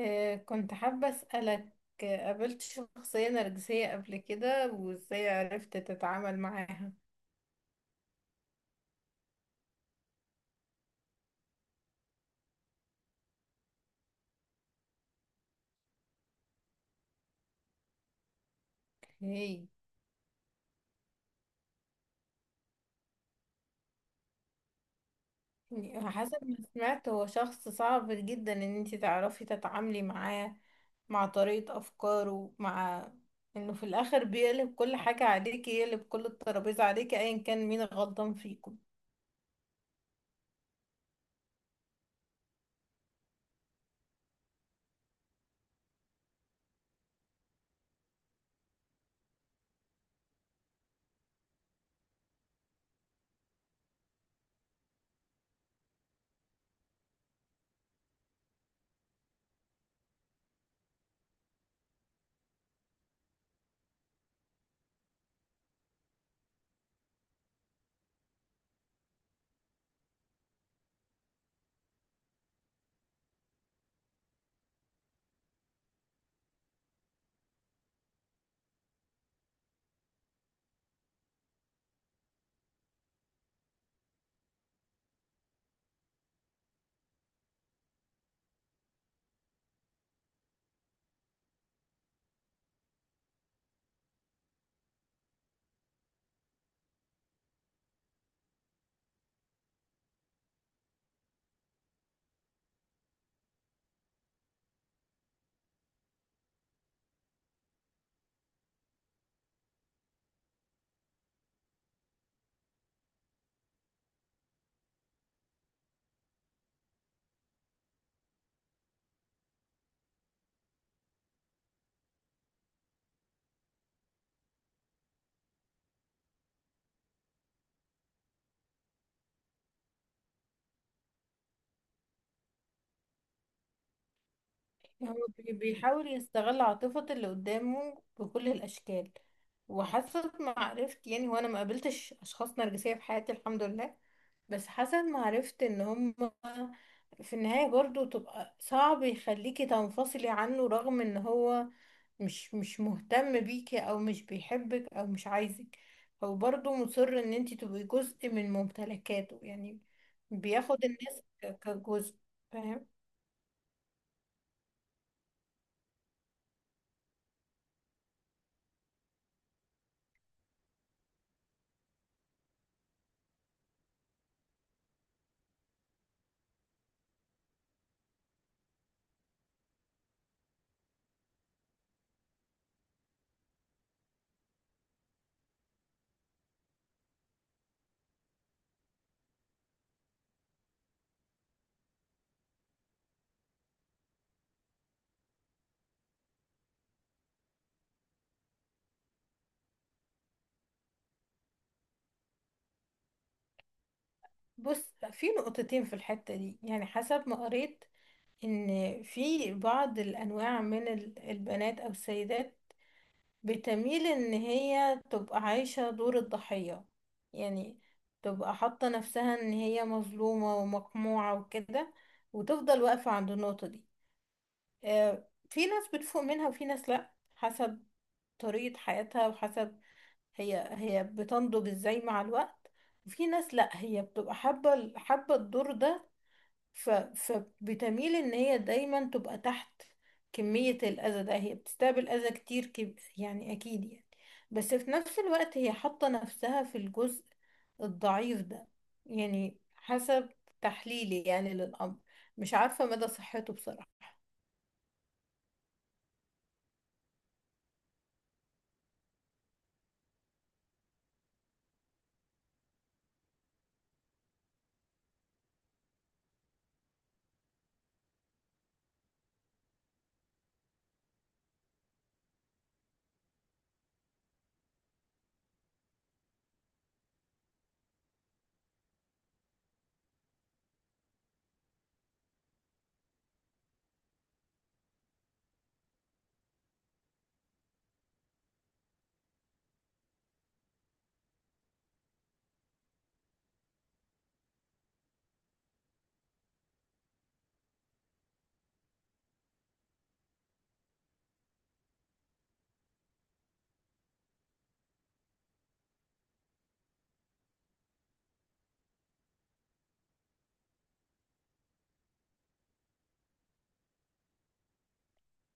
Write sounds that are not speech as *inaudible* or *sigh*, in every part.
كنت حابة أسألك، قابلت شخصية نرجسية قبل كده وإزاي عرفت تتعامل معاها؟ هي يعني حسب ما سمعت هو شخص صعب جدا إن انتي تعرفي تتعاملي معاه، مع طريقة أفكاره، مع إنه في الآخر بيقلب كل حاجة عليكي، يقلب كل الترابيزة عليكي أيا كان مين غلطان فيكم. هو بيحاول يستغل عاطفة اللي قدامه بكل الأشكال. وحسب ما عرفت يعني أنا ما قابلتش أشخاص نرجسية في حياتي، الحمد لله. بس حسب ما عرفت إن هم في النهاية برضو تبقى صعب يخليكي تنفصلي عنه، رغم إن هو مش مهتم بيكي أو مش بيحبك أو مش عايزك. هو برضو مصر إن انتي تبقي جزء من ممتلكاته يعني. بياخد الناس كجزء، فاهم. بص، في نقطتين في الحتة دي يعني، حسب ما قريت، ان في بعض الانواع من البنات او السيدات بتميل ان هي تبقى عايشة دور الضحية. يعني تبقى حاطة نفسها ان هي مظلومة ومقموعة وكده، وتفضل واقفة عند النقطة دي. في ناس بتفوق منها وفي ناس لا، حسب طريقة حياتها وحسب هي بتنضج ازاي مع الوقت. وفي ناس لا، هي بتبقى حابة حابة الدور ده، ف... فبتميل ان هي دايما تبقى تحت. كمية الاذى ده، هي بتستقبل اذى كتير، يعني اكيد يعني، بس في نفس الوقت هي حاطة نفسها في الجزء الضعيف ده. يعني حسب تحليلي يعني للامر، مش عارفة مدى صحته بصراحة.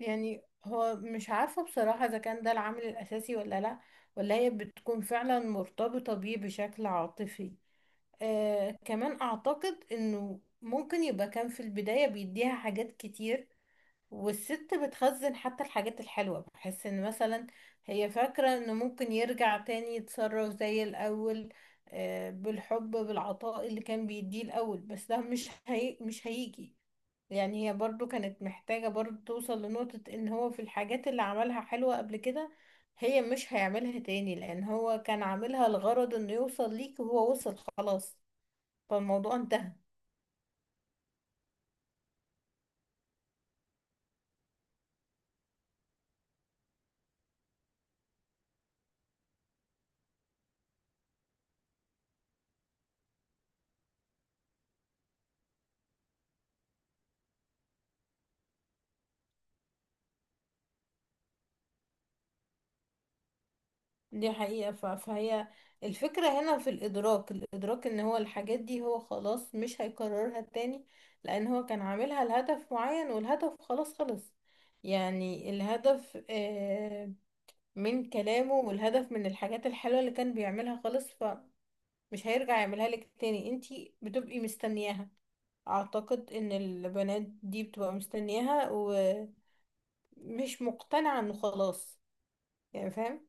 يعني هو مش عارفة بصراحة اذا كان ده العامل الاساسي ولا لا، ولا هي بتكون فعلا مرتبطة بيه بشكل عاطفي. آه، كمان اعتقد انه ممكن يبقى كان في البداية بيديها حاجات كتير، والست بتخزن حتى الحاجات الحلوة. بحس ان مثلا هي فاكرة انه ممكن يرجع تاني، يتصرف زي الاول، آه، بالحب، بالعطاء اللي كان بيديه الاول، بس ده مش هيجي. يعني هي برضو كانت محتاجة برضو توصل لنقطة ان هو في الحاجات اللي عملها حلوة قبل كده، هي مش هيعملها تاني، لان هو كان عاملها لغرض انه يوصل ليك وهو وصل خلاص، فالموضوع انتهى. دي حقيقة. ف- فهي الفكرة هنا في الإدراك، إن هو الحاجات دي هو خلاص مش هيكررها تاني، لأن هو كان عاملها لهدف معين والهدف خلاص خلص. يعني الهدف، من كلامه، والهدف من الحاجات الحلوة اللي كان بيعملها خلص، فمش هيرجع يعملها لك تاني. انتي بتبقي مستنياها. أعتقد إن البنات دي بتبقى مستنياها ومش مقتنعة إنه خلاص. يعني فاهم.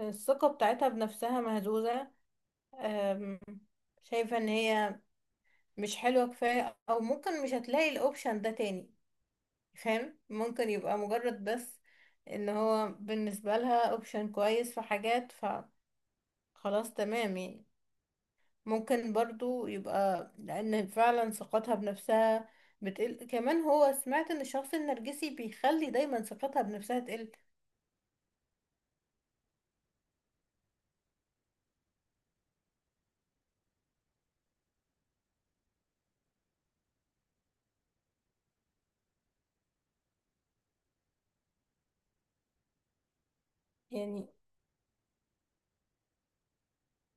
الثقة بتاعتها بنفسها مهزوزة. أم، شايفة ان هي مش حلوة كفاية او ممكن مش هتلاقي الاوبشن ده تاني، فاهم. ممكن يبقى مجرد بس ان هو بالنسبة لها اوبشن كويس في حاجات، فخلاص تمام يعني. ممكن برضو يبقى لان فعلا ثقتها بنفسها بتقل، كمان هو سمعت ان الشخص النرجسي بيخلي دايما ثقتها بنفسها تقل. يعني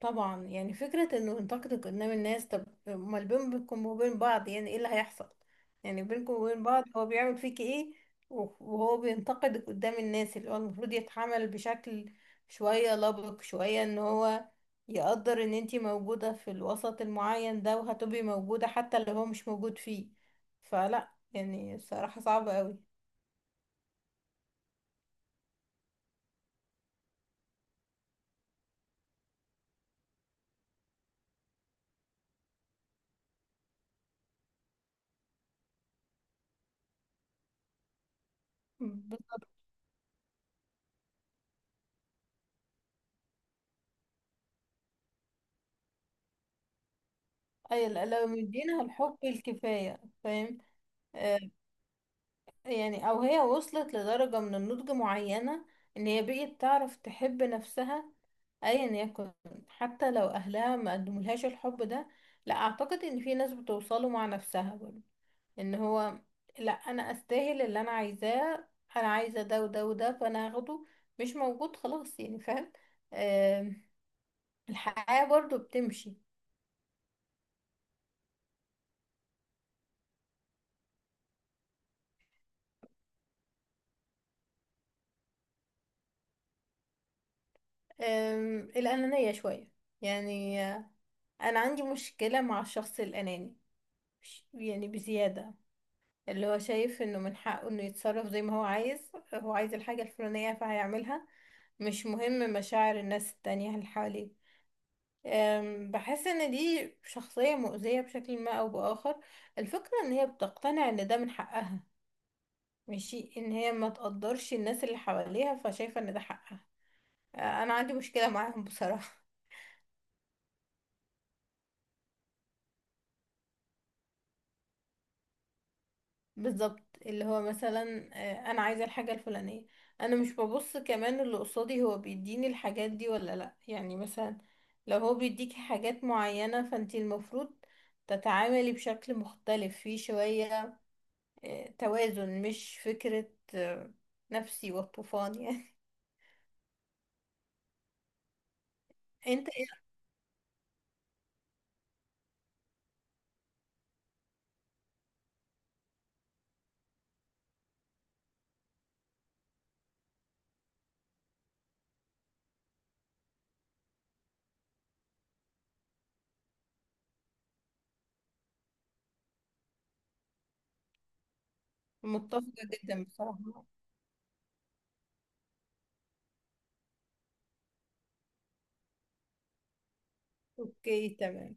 طبعا، يعني فكرة انه ينتقدك قدام الناس، طب امال بينكم وبين بعض يعني ايه اللي هيحصل؟ يعني بينكم وبين بعض هو بيعمل فيكي ايه؟ وهو بينتقدك قدام الناس، اللي هو المفروض يتعامل بشكل شوية لبق، شوية ان هو يقدر ان انتي موجودة في الوسط المعين ده، وهتبقي موجودة حتى لو هو مش موجود فيه. فلا، يعني الصراحة صعبة قوي. بالظبط. لو مدينا الحب الكفاية، فاهم. آه، يعني او هي وصلت لدرجة من النضج معينة، ان هي بقيت تعرف تحب نفسها، ايا يكن. حتى لو اهلها ما قدمولهاش الحب ده، لا، اعتقد ان في ناس بتوصله مع نفسها برضه، ان هو لا، انا استاهل اللي انا عايزاه. انا عايزه ده وده وده، فانا هاخده. مش موجود خلاص، يعني فاهم. آم، الحياه برضه بتمشي. الانانيه شويه يعني. انا عندي مشكله مع الشخص الاناني، يعني بزياده، اللي هو شايف انه من حقه انه يتصرف زي ما هو عايز، هو عايز الحاجة الفلانية فهيعملها، مش مهم مشاعر الناس التانية اللي حواليه. بحس ان دي شخصية مؤذية بشكل ما او باخر. الفكرة ان هي بتقتنع ان ده من حقها، ماشي ان هي ما تقدرش الناس اللي حواليها، فشايفة ان ده حقها. انا عندي مشكلة معاهم بصراحة. بالظبط. اللي هو مثلا انا عايزه الحاجه الفلانيه، انا مش ببص كمان اللي قصادي هو بيديني الحاجات دي ولا لا. يعني مثلا، لو هو بيديكي حاجات معينه، فانتي المفروض تتعاملي بشكل مختلف فيه شويه. توازن، مش فكره، آه، نفسي والطوفان يعني. *laughs* انت إيه؟ متفقه جدا بصراحه. اوكي، تمام.